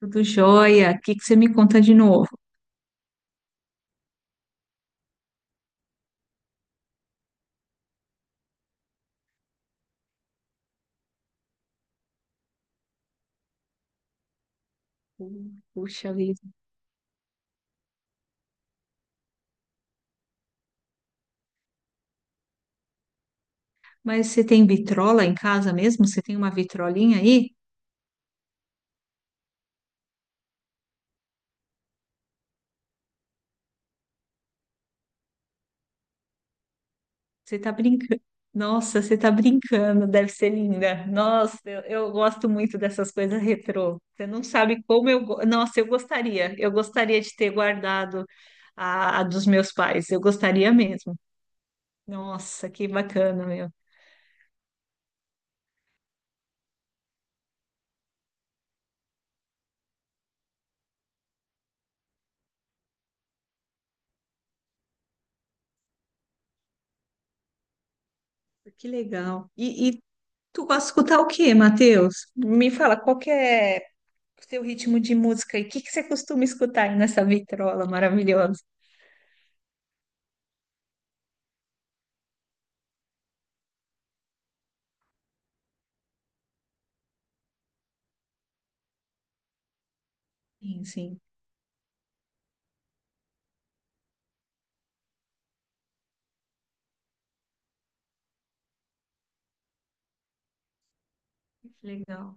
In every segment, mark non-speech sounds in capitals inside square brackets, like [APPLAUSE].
Tudo jóia. O que que você me conta de novo? Puxa vida. Mas você tem vitrola em casa mesmo? Você tem uma vitrolinha aí? Você tá brincando. Nossa, você tá brincando. Deve ser linda. Nossa, eu gosto muito dessas coisas retrô. Você não sabe como Nossa, eu gostaria. Eu gostaria de ter guardado a dos meus pais. Eu gostaria mesmo. Nossa, que bacana, meu. Que legal. E tu gosta de escutar o quê, Matheus? Me fala, qual que é seu ritmo de música e o que que você costuma escutar aí nessa vitrola maravilhosa? Sim, sim. Legal.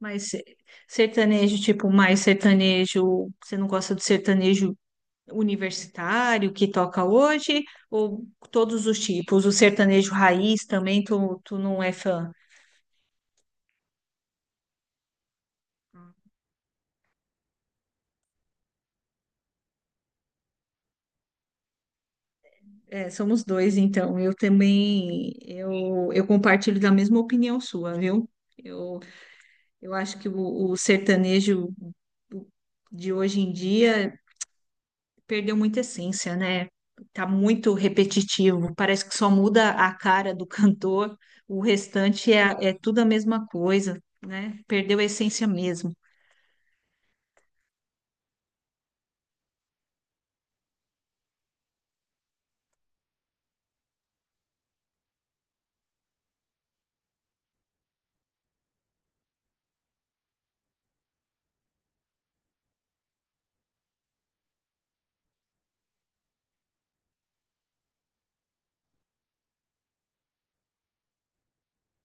Mas sertanejo, tipo, mais sertanejo, você não gosta do sertanejo universitário que toca hoje? Ou todos os tipos? O sertanejo raiz também, tu não é fã? É, somos dois, então. Eu também, eu compartilho da mesma opinião sua, viu? Eu, eu acho que o sertanejo de hoje em dia perdeu muita essência, né? Tá muito repetitivo, parece que só muda a cara do [LAUGHS] cantor, o restante é, é tudo a mesma coisa, né? Perdeu a essência mesmo.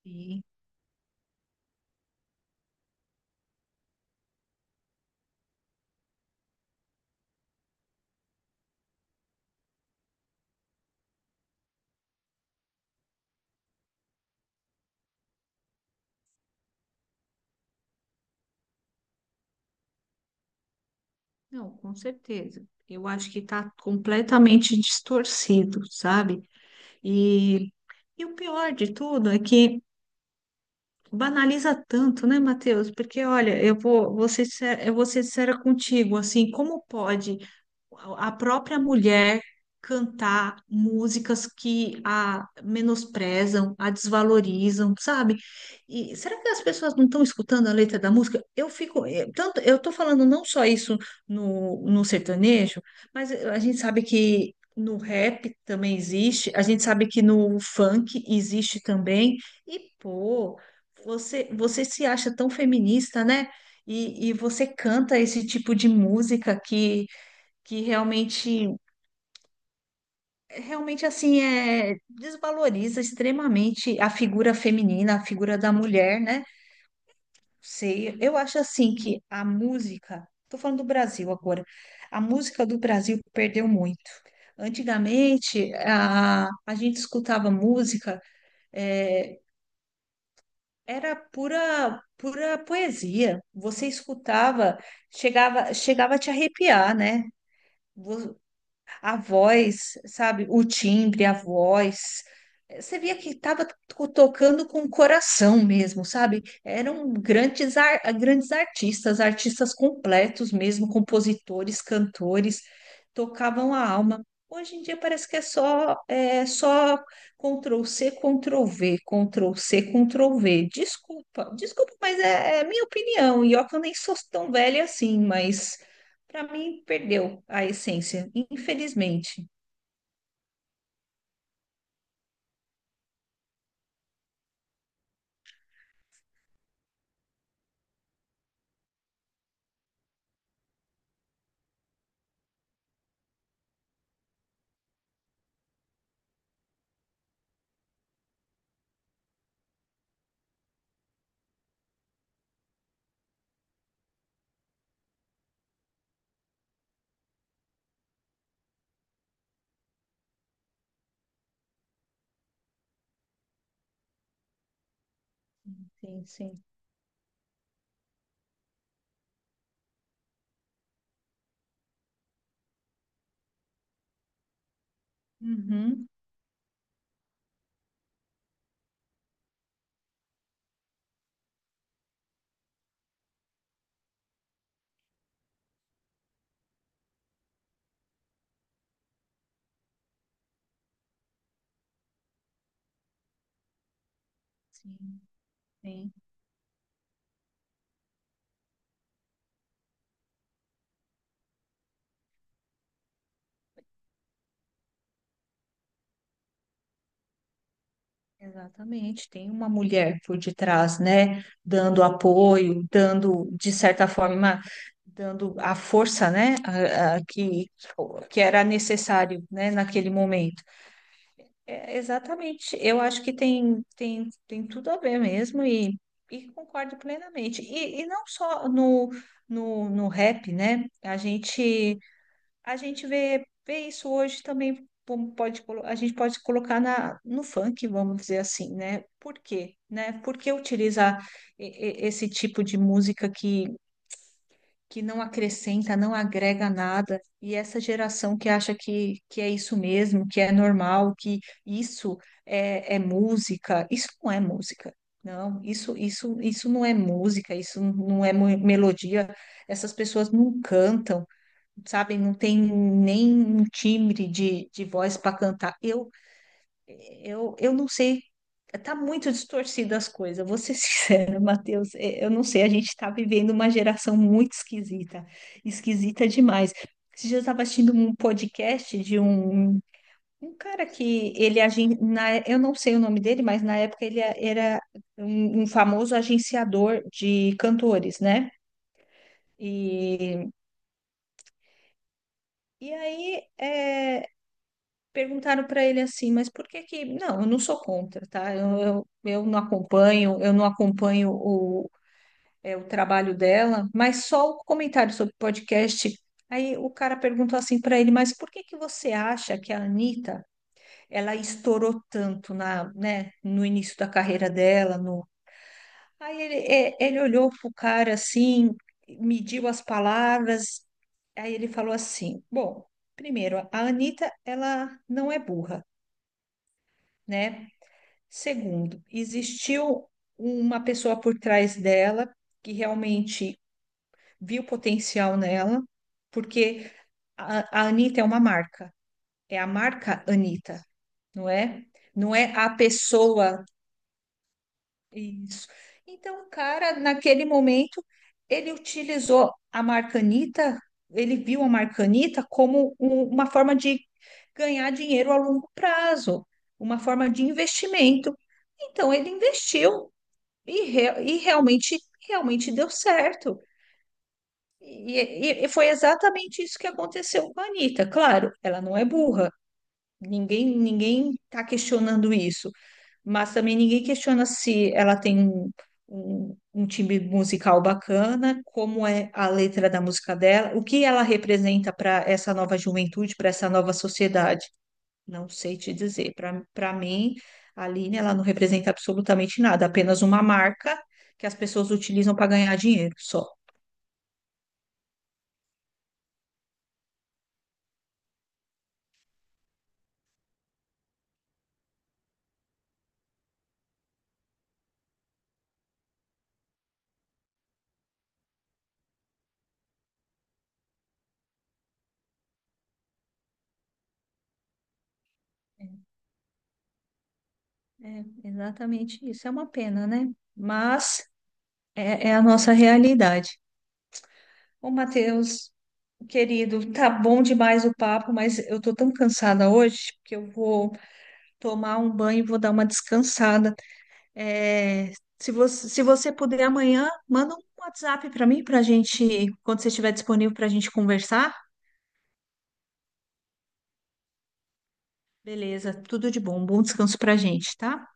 E não, com certeza. Eu acho que está completamente distorcido, sabe? E, e o pior de tudo é que banaliza tanto, né, Matheus? Porque, olha, eu vou ser, eu vou ser sincera contigo, assim, como pode a própria mulher cantar músicas que a menosprezam, a desvalorizam, sabe? E será que as pessoas não estão escutando a letra da música? Eu fico, tanto, eu tô falando não só isso no sertanejo, mas a gente sabe que no rap também existe, a gente sabe que no funk existe também. E pô, você se acha tão feminista, né? E você canta esse tipo de música que realmente, realmente assim, é, desvaloriza extremamente a figura feminina, a figura da mulher, né? Sei, eu acho assim que a música, tô falando do Brasil agora, a música do Brasil perdeu muito. Antigamente, a gente escutava música, é, era pura, pura poesia. Você escutava, chegava, chegava a te arrepiar, né? A voz, sabe? O timbre, a voz. Você via que estava tocando com o coração mesmo, sabe? Eram grandes artistas, artistas completos mesmo, compositores, cantores, tocavam a alma. Hoje em dia parece que é só Ctrl C, Ctrl V, Ctrl C, Ctrl V. Desculpa, desculpa, mas é minha opinião. E ó, que eu nem sou tão velha assim, mas para mim, perdeu a essência, infelizmente. Sim, sim, uhum, sim, sim, exatamente. Tem uma mulher por detrás, né? Dando apoio, dando, de certa forma, dando a força, né? Que era necessário, né? Naquele momento. É, exatamente. Eu acho que tem tudo a ver mesmo e concordo plenamente. E não só no rap, né? A gente. A gente vê isso hoje também, como pode, a gente pode colocar na, no funk, vamos dizer assim, né? Por quê, né? Por que utilizar e- esse tipo de música que não acrescenta, não agrega nada? E essa geração que acha que é isso mesmo, que é normal, que isso é música. Isso não é música. Não, isso não é música, isso não é melodia. Essas pessoas não cantam, sabe? Não tem nem um timbre de voz para cantar. Eu, eu não sei. Tá muito distorcida as coisas, vou ser [LAUGHS] sincera, Matheus. Eu não sei, a gente tá vivendo uma geração muito esquisita, esquisita demais. Esses dias eu estava assistindo um podcast um cara que ele é eu não sei o nome dele, mas na época ele era um famoso agenciador de cantores, né? E, e aí é, perguntaram para ele assim, mas por que que... Não, eu não sou contra, tá? Eu, eu não acompanho, eu não acompanho é, o trabalho dela, mas só o comentário sobre podcast. Aí o cara perguntou assim para ele, mas por que que você acha que a Anitta, ela estourou tanto na, né, no início da carreira dela? No... Aí ele, é, ele olhou pro cara assim, mediu as palavras, aí ele falou assim, bom, primeiro, a Anitta, ela não é burra, né? Segundo, existiu uma pessoa por trás dela que realmente viu potencial nela, porque a Anitta é uma marca, é a marca Anitta, não é? Não é a pessoa. Isso. Então, o cara, naquele momento, ele utilizou a marca Anitta, ele viu a marca Anitta como uma forma de ganhar dinheiro a longo prazo, uma forma de investimento. Então, ele investiu. E realmente, realmente deu certo. E, e foi exatamente isso que aconteceu com a Anitta. Claro, ela não é burra. Ninguém, ninguém está questionando isso. Mas também ninguém questiona se ela tem um timbre musical bacana, como é a letra da música dela, o que ela representa para essa nova juventude, para essa nova sociedade. Não sei te dizer. Para mim, a Aline, ela não representa absolutamente nada, apenas uma marca que as pessoas utilizam para ganhar dinheiro só. É, exatamente isso. É uma pena, né? Mas é, é a nossa realidade. Ô, Matheus, querido, tá bom demais o papo, mas eu tô tão cansada hoje que eu vou tomar um banho e vou dar uma descansada. É, se você, se você puder amanhã, manda um WhatsApp para mim, para gente, quando você estiver disponível, para a gente conversar. Beleza, tudo de bom. Bom descanso pra gente, tá?